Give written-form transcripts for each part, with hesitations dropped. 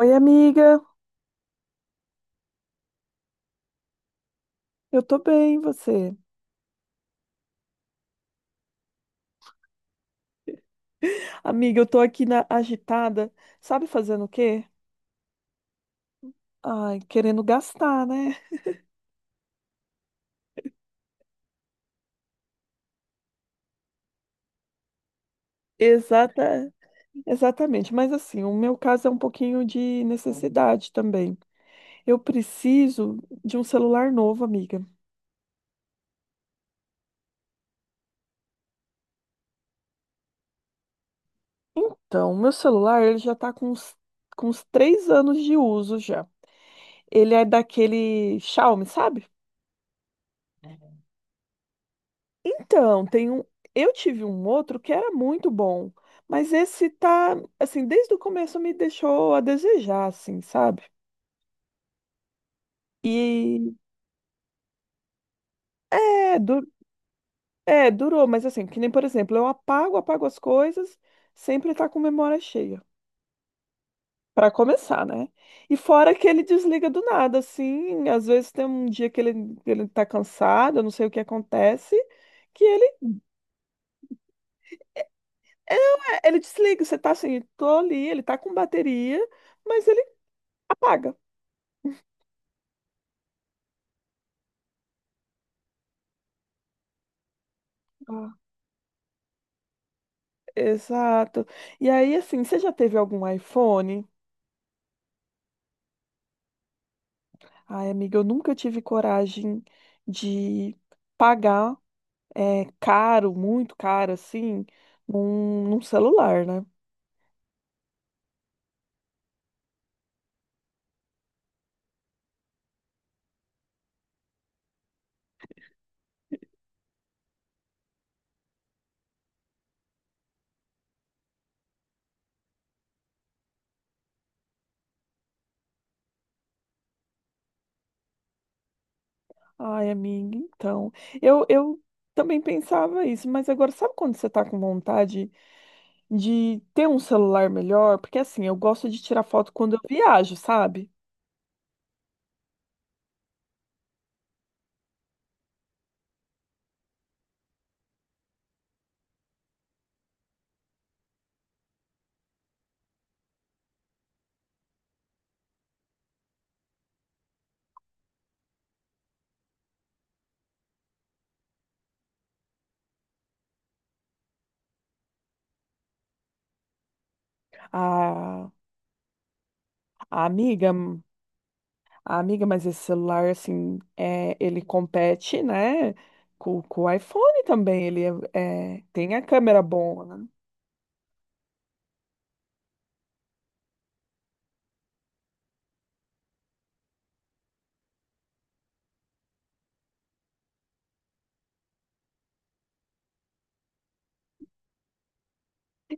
Oi, amiga. Eu tô bem, e você? Amiga, eu tô aqui na agitada. Sabe fazendo o quê? Ai, querendo gastar, né? Exata, Exatamente. Mas assim, o meu caso é um pouquinho de necessidade também. Eu preciso de um celular novo, amiga. Então, meu celular, ele já tá com uns 3 anos de uso já. Ele é daquele Xiaomi, sabe? Então, eu tive um outro que era muito bom, mas esse tá, assim, desde o começo me deixou a desejar, assim, sabe? E é, du- é, durou, mas assim, que nem, por exemplo, eu apago, apago as coisas, sempre tá com memória cheia. Pra começar, né? E fora que ele desliga do nada, assim, às vezes tem um dia que ele tá cansado, eu não sei o que acontece. que ele, É, não, é, ele desliga, você tá assim, tô ali, ele tá com bateria, mas ele apaga. Exato. E aí, assim, você já teve algum iPhone? Ai, amiga, eu nunca tive coragem de pagar caro, muito caro, assim, num celular, né? Ai, amiga, então. Eu também pensava isso, mas agora, sabe quando você tá com vontade de ter um celular melhor? Porque, assim, eu gosto de tirar foto quando eu viajo, sabe? A, a amiga. Ah, amiga, mas esse celular, assim, ele compete, né, com o iPhone também. Ele tem a câmera boa, né?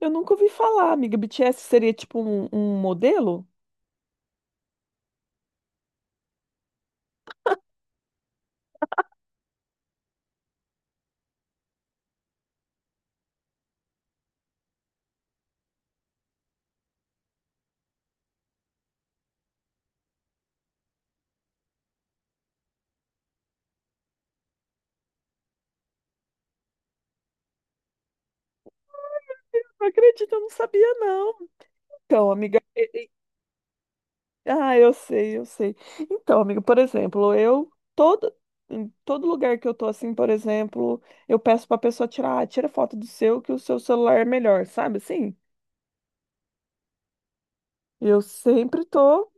Eu nunca ouvi falar, amiga. BTS seria tipo um, modelo? Não acredito, eu não sabia, não. Então, amiga. Ah, eu sei, eu sei. Então, amiga, por exemplo, eu todo. Em todo lugar que eu tô assim, por exemplo, eu peço pra pessoa tirar, ah, tira foto do seu, que o seu celular é melhor, sabe assim? Eu sempre tô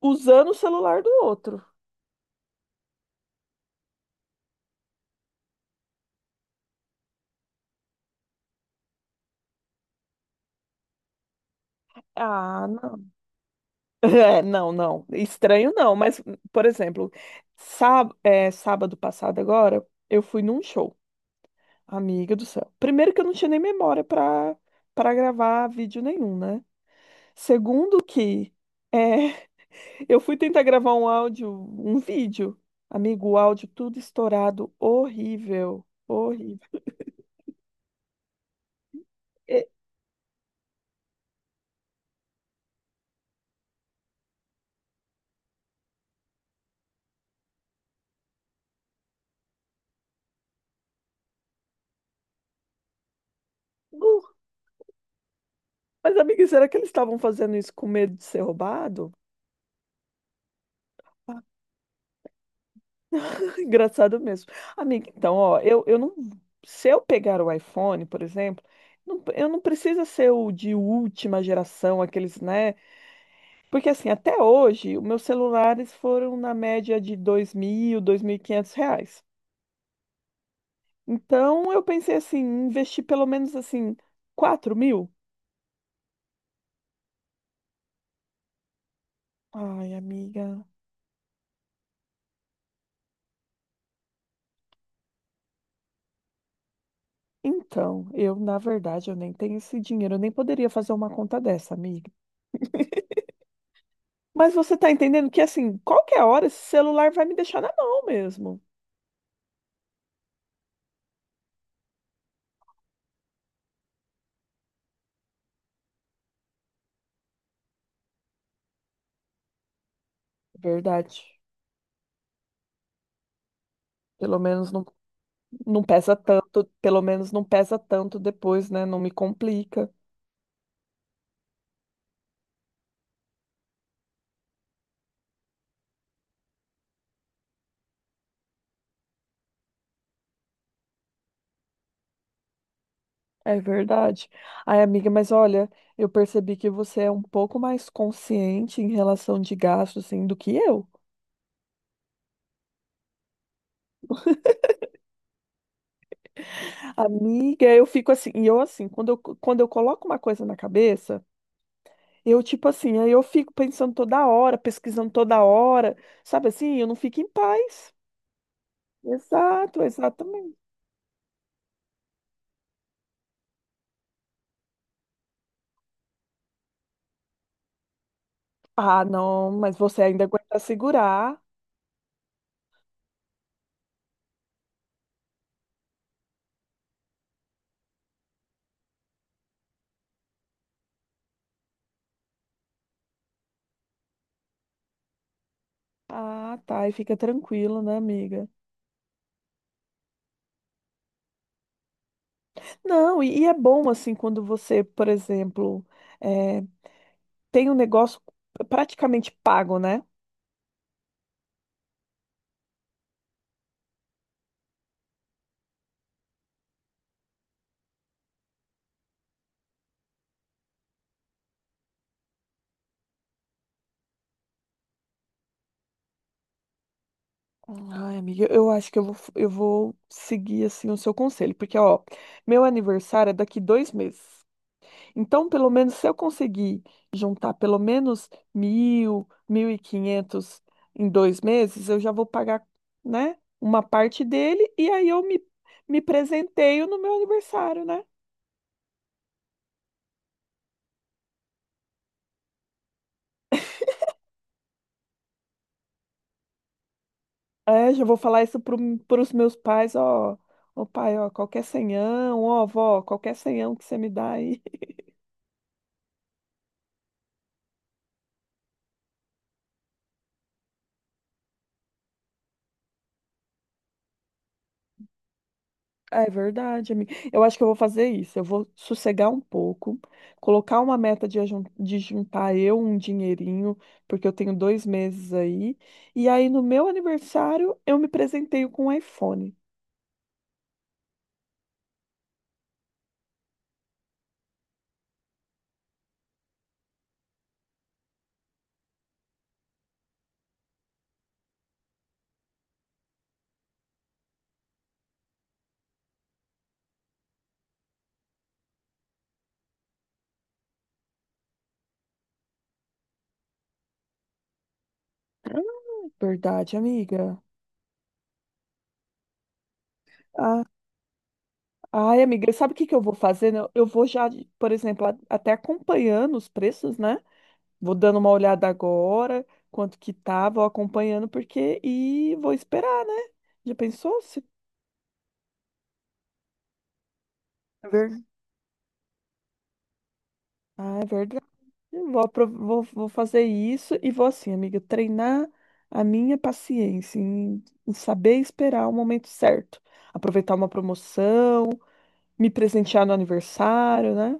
usando o celular do outro. Ah, não. É, não, não. Estranho não, mas, por exemplo, sábado passado agora, eu fui num show. Amiga do céu. Primeiro que eu não tinha nem memória pra gravar vídeo nenhum, né? Segundo que é, eu fui tentar gravar um áudio, um vídeo. Amigo, o áudio tudo estourado, horrível, horrível. E- não. Mas, amiga, será que eles estavam fazendo isso com medo de ser roubado? Engraçado mesmo. Amiga, então, ó, eu não. Se eu pegar o iPhone, por exemplo, eu não precisa ser o de última geração, aqueles, né? Porque, assim, até hoje, os meus celulares foram na média de dois mil, R$ 2.500. Então, eu pensei assim, investir pelo menos, assim, 4.000. Ai, amiga. Então, eu, na verdade, eu nem tenho esse dinheiro, eu nem poderia fazer uma conta dessa, amiga. Mas você tá entendendo que, assim, qualquer hora esse celular vai me deixar na mão mesmo. Verdade. Pelo menos não, não pesa tanto, pelo menos não pesa tanto depois, né? Não me complica. É verdade. Ai, amiga, mas olha, eu percebi que você é um pouco mais consciente em relação de gastos, assim, do que eu. Amiga, eu fico assim, e eu assim, quando eu coloco uma coisa na cabeça, eu tipo assim, aí eu fico pensando toda hora, pesquisando toda hora, sabe assim, eu não fico em paz. Exato, exatamente. Ah, não, mas você ainda aguenta segurar. Ah, tá, e fica tranquilo, né, amiga? Não, e é bom, assim, quando você, por exemplo, eh, tem um negócio praticamente pago, né? Ai, amiga, eu acho que eu vou seguir, assim, o seu conselho, porque, ó, meu aniversário é daqui 2 meses. Então, pelo menos, se eu conseguir juntar pelo menos 1.000, 1.500 em 2 meses, eu já vou pagar, né, uma parte dele e aí eu me presenteio no meu aniversário, né? É, já vou falar isso para os meus pais, ó, ô pai, ó, qualquer senhão, ó, vó, qualquer senhão que você me dá aí. É verdade, amiga. Eu acho que eu vou fazer isso. Eu vou sossegar um pouco, colocar uma meta de juntar eu um dinheirinho, porque eu tenho 2 meses aí. E aí, no meu aniversário, eu me presenteio com um iPhone. Verdade, amiga. Ah, ai, amiga, sabe o que que eu vou fazer? Né? Eu vou já, por exemplo, até acompanhando os preços, né? Vou dando uma olhada agora, quanto que tá, vou acompanhando, porque. E vou esperar, né? Já pensou? Se... É ver- Ah, é verdade. Eu vou fazer isso e vou assim, amiga, treinar a minha paciência em saber esperar o momento certo, aproveitar uma promoção, me presentear no aniversário, né?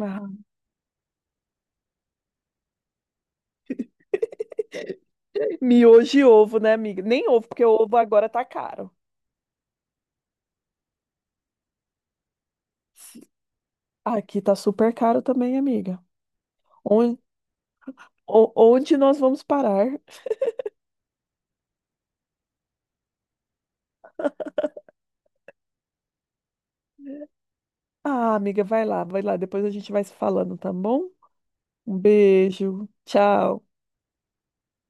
Ah, miojo e ovo, né, amiga? Nem ovo, porque o ovo agora tá caro. Aqui tá super caro também, amiga. Onde, onde nós vamos parar? Ah, amiga, vai lá, depois a gente vai se falando, tá bom? Um beijo, tchau.